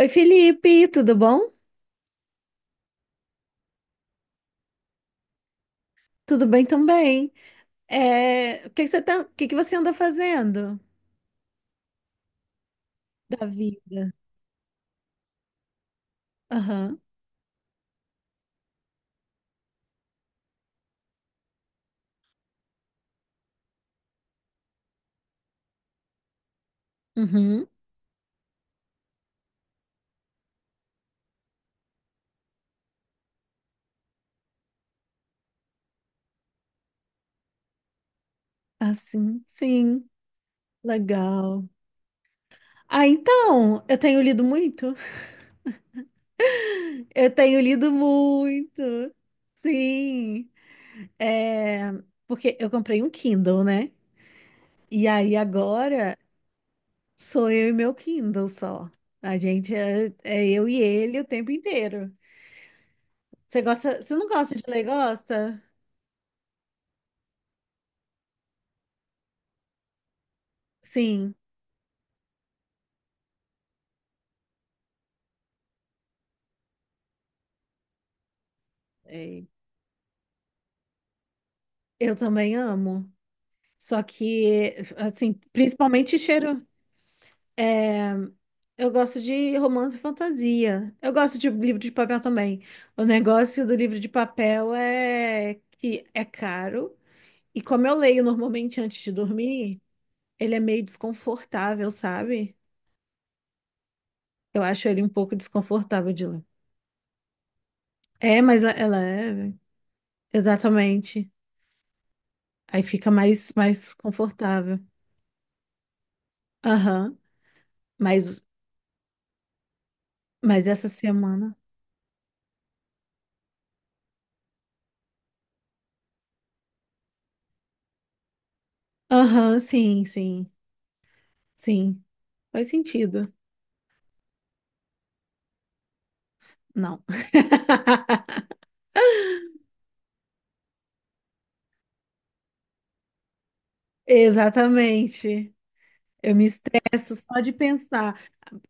Oi, Felipe, tudo bom? Tudo bem também. O que que você tá, o que que você anda fazendo da vida? Aham, uhum, assim, sim, legal. Ah, então, eu tenho lido muito. Eu tenho lido muito, sim. É, porque eu comprei um Kindle, né? E aí agora sou eu e meu Kindle só. A gente é eu e ele o tempo inteiro. Você não gosta de ler, gosta? Sim, é, eu também amo. Só que, assim, principalmente cheiro. É, eu gosto de romance e fantasia. Eu gosto de livro de papel também. O negócio do livro de papel é que é caro. E como eu leio normalmente antes de dormir, ele é meio desconfortável, sabe? Eu acho ele um pouco desconfortável de ler. É, mas é leve. Exatamente. Aí fica mais confortável. Aham. Mas Mas essa semana. Aham, sim, sim, sim. Faz sentido. Não. Exatamente. Eu me estresso só de pensar.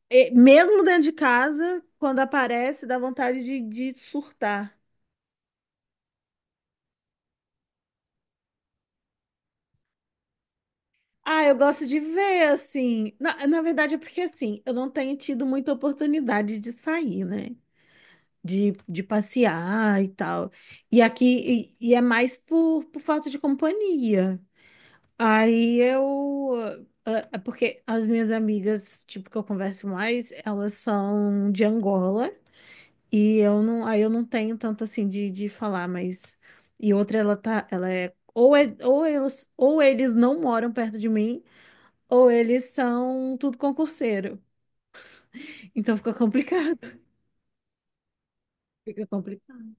E mesmo dentro de casa, quando aparece, dá vontade de surtar. Ah, eu gosto de ver, assim. Na verdade, é porque, assim, eu não tenho tido muita oportunidade de sair, né? De passear e tal. E aqui, e é mais por falta de companhia. Aí eu. Ah, ah, Porque as minhas amigas, tipo, que eu converso mais, elas são de Angola. E eu não. Aí eu não tenho tanto assim de falar, mas. E outra, ela tá. Ela é. Ou, é, ou, elas, ou eles não moram perto de mim, ou eles são tudo concurseiro. Então fica complicado. Fica complicado.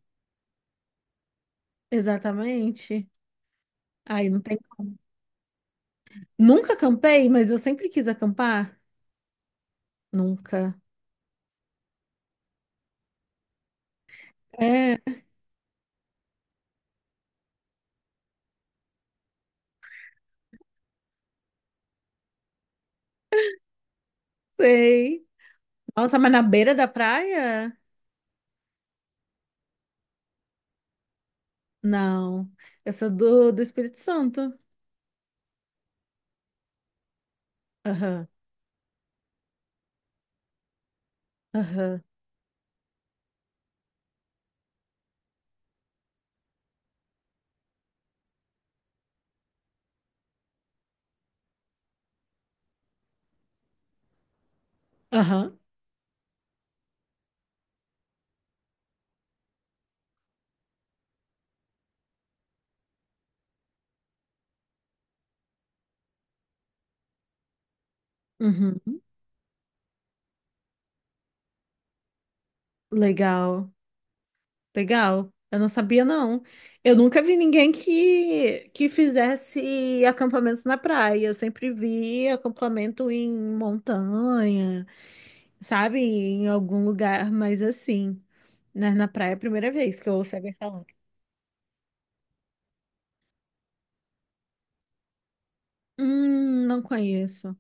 Exatamente. Aí não tem como. Nunca acampei, mas eu sempre quis acampar. Nunca. É, sei. Nossa, mas na beira da praia? Não. Eu sou do Espírito Santo. Aham, aham, aham. Uhum. Legal, legal. Eu não sabia, não. Eu nunca vi ninguém que fizesse acampamento na praia. Eu sempre vi acampamento em montanha, sabe? Em algum lugar, mas assim, né? Na praia é a primeira vez que eu ouço alguém falar. Não conheço.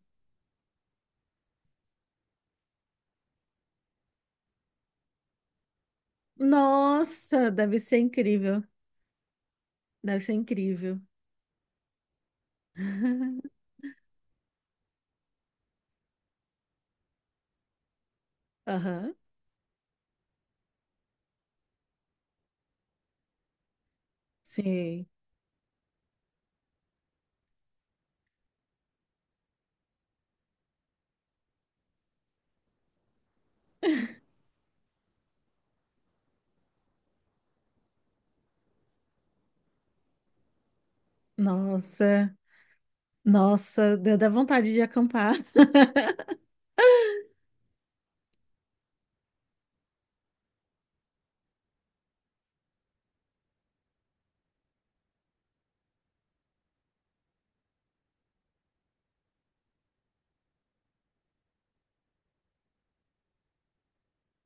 Nossa, deve ser incrível. Deve ser incrível. Aham. Sim. Nossa, nossa, deu da vontade de acampar.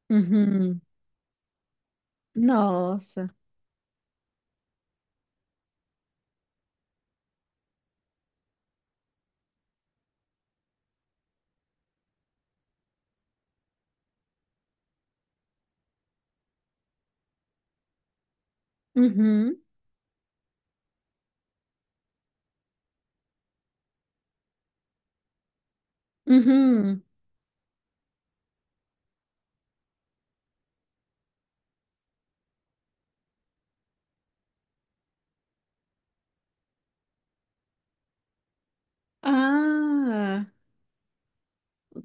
Uhum. Nossa. Uhum. Uhum. Ah,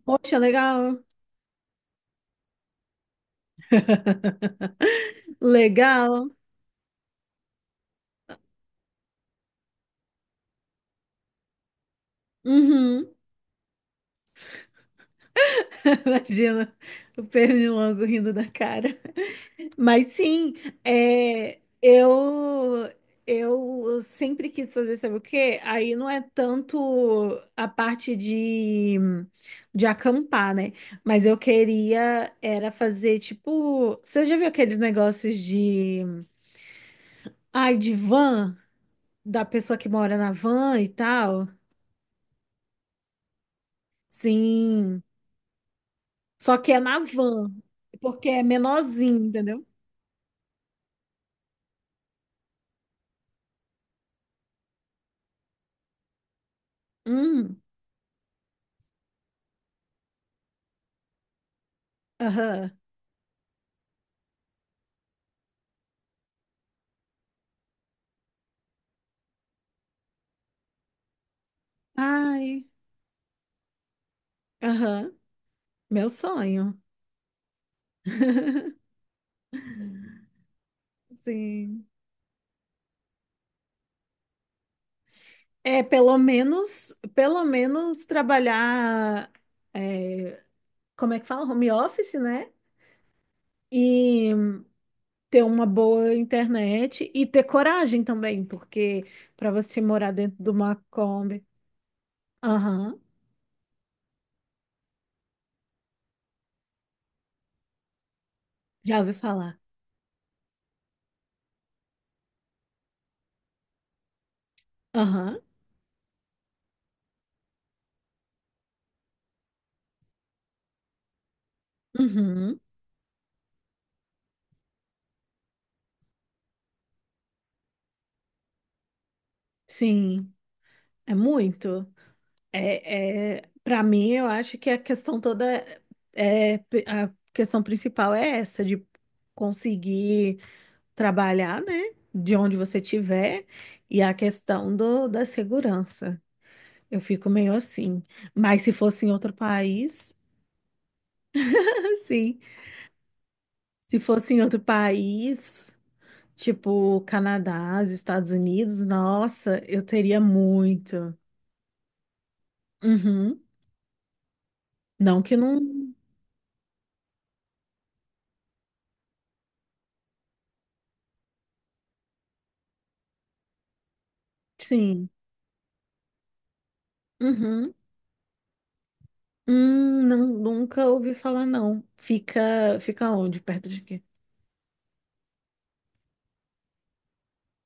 poxa, legal. Legal. Uhum. Imagina o pernilongo rindo da cara. Mas sim, é, eu sempre quis fazer, sabe o quê? Aí não é tanto a parte de acampar, né? Mas eu queria era fazer tipo, você já viu aqueles negócios de, ai, de van, da pessoa que mora na van e tal? Sim, só que é na van, porque é menorzinho, entendeu? Hum, aham. Ai, aham. Meu sonho. Sim. É, pelo menos trabalhar, é, como é que fala? Home office, né? E ter uma boa internet e ter coragem também, porque para você morar dentro de uma Kombi. Aham, já ouvi falar. Aham, uhum, sim, é muito. Para mim, eu acho que a questão toda, é, é, a questão principal é essa, de conseguir. Trabalhar, né? De onde você tiver e a questão da segurança. Eu fico meio assim. Mas se fosse em outro país, assim, se fosse em outro país, tipo Canadá, os Estados Unidos, nossa, eu teria muito. Uhum. Não que não. Sim. Uhum. Não, nunca ouvi falar, não. Fica, fica onde? Perto de quê?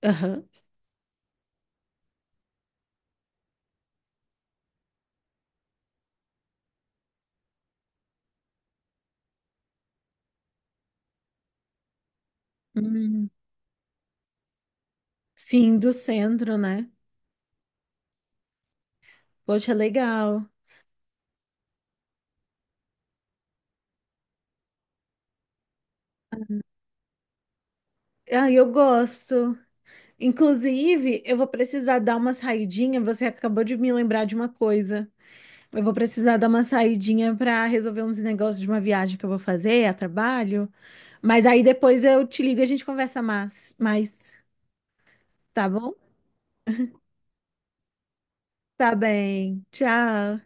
Aham. Hum. Sim, do centro, né? Poxa, legal. Ah, eu gosto. Inclusive, eu vou precisar dar uma saidinha. Você acabou de me lembrar de uma coisa. Eu vou precisar dar uma saidinha para resolver uns negócios de uma viagem que eu vou fazer a trabalho. Mas aí depois eu te ligo e a gente conversa mais, mais, tá bom? Tá bem. Tchau.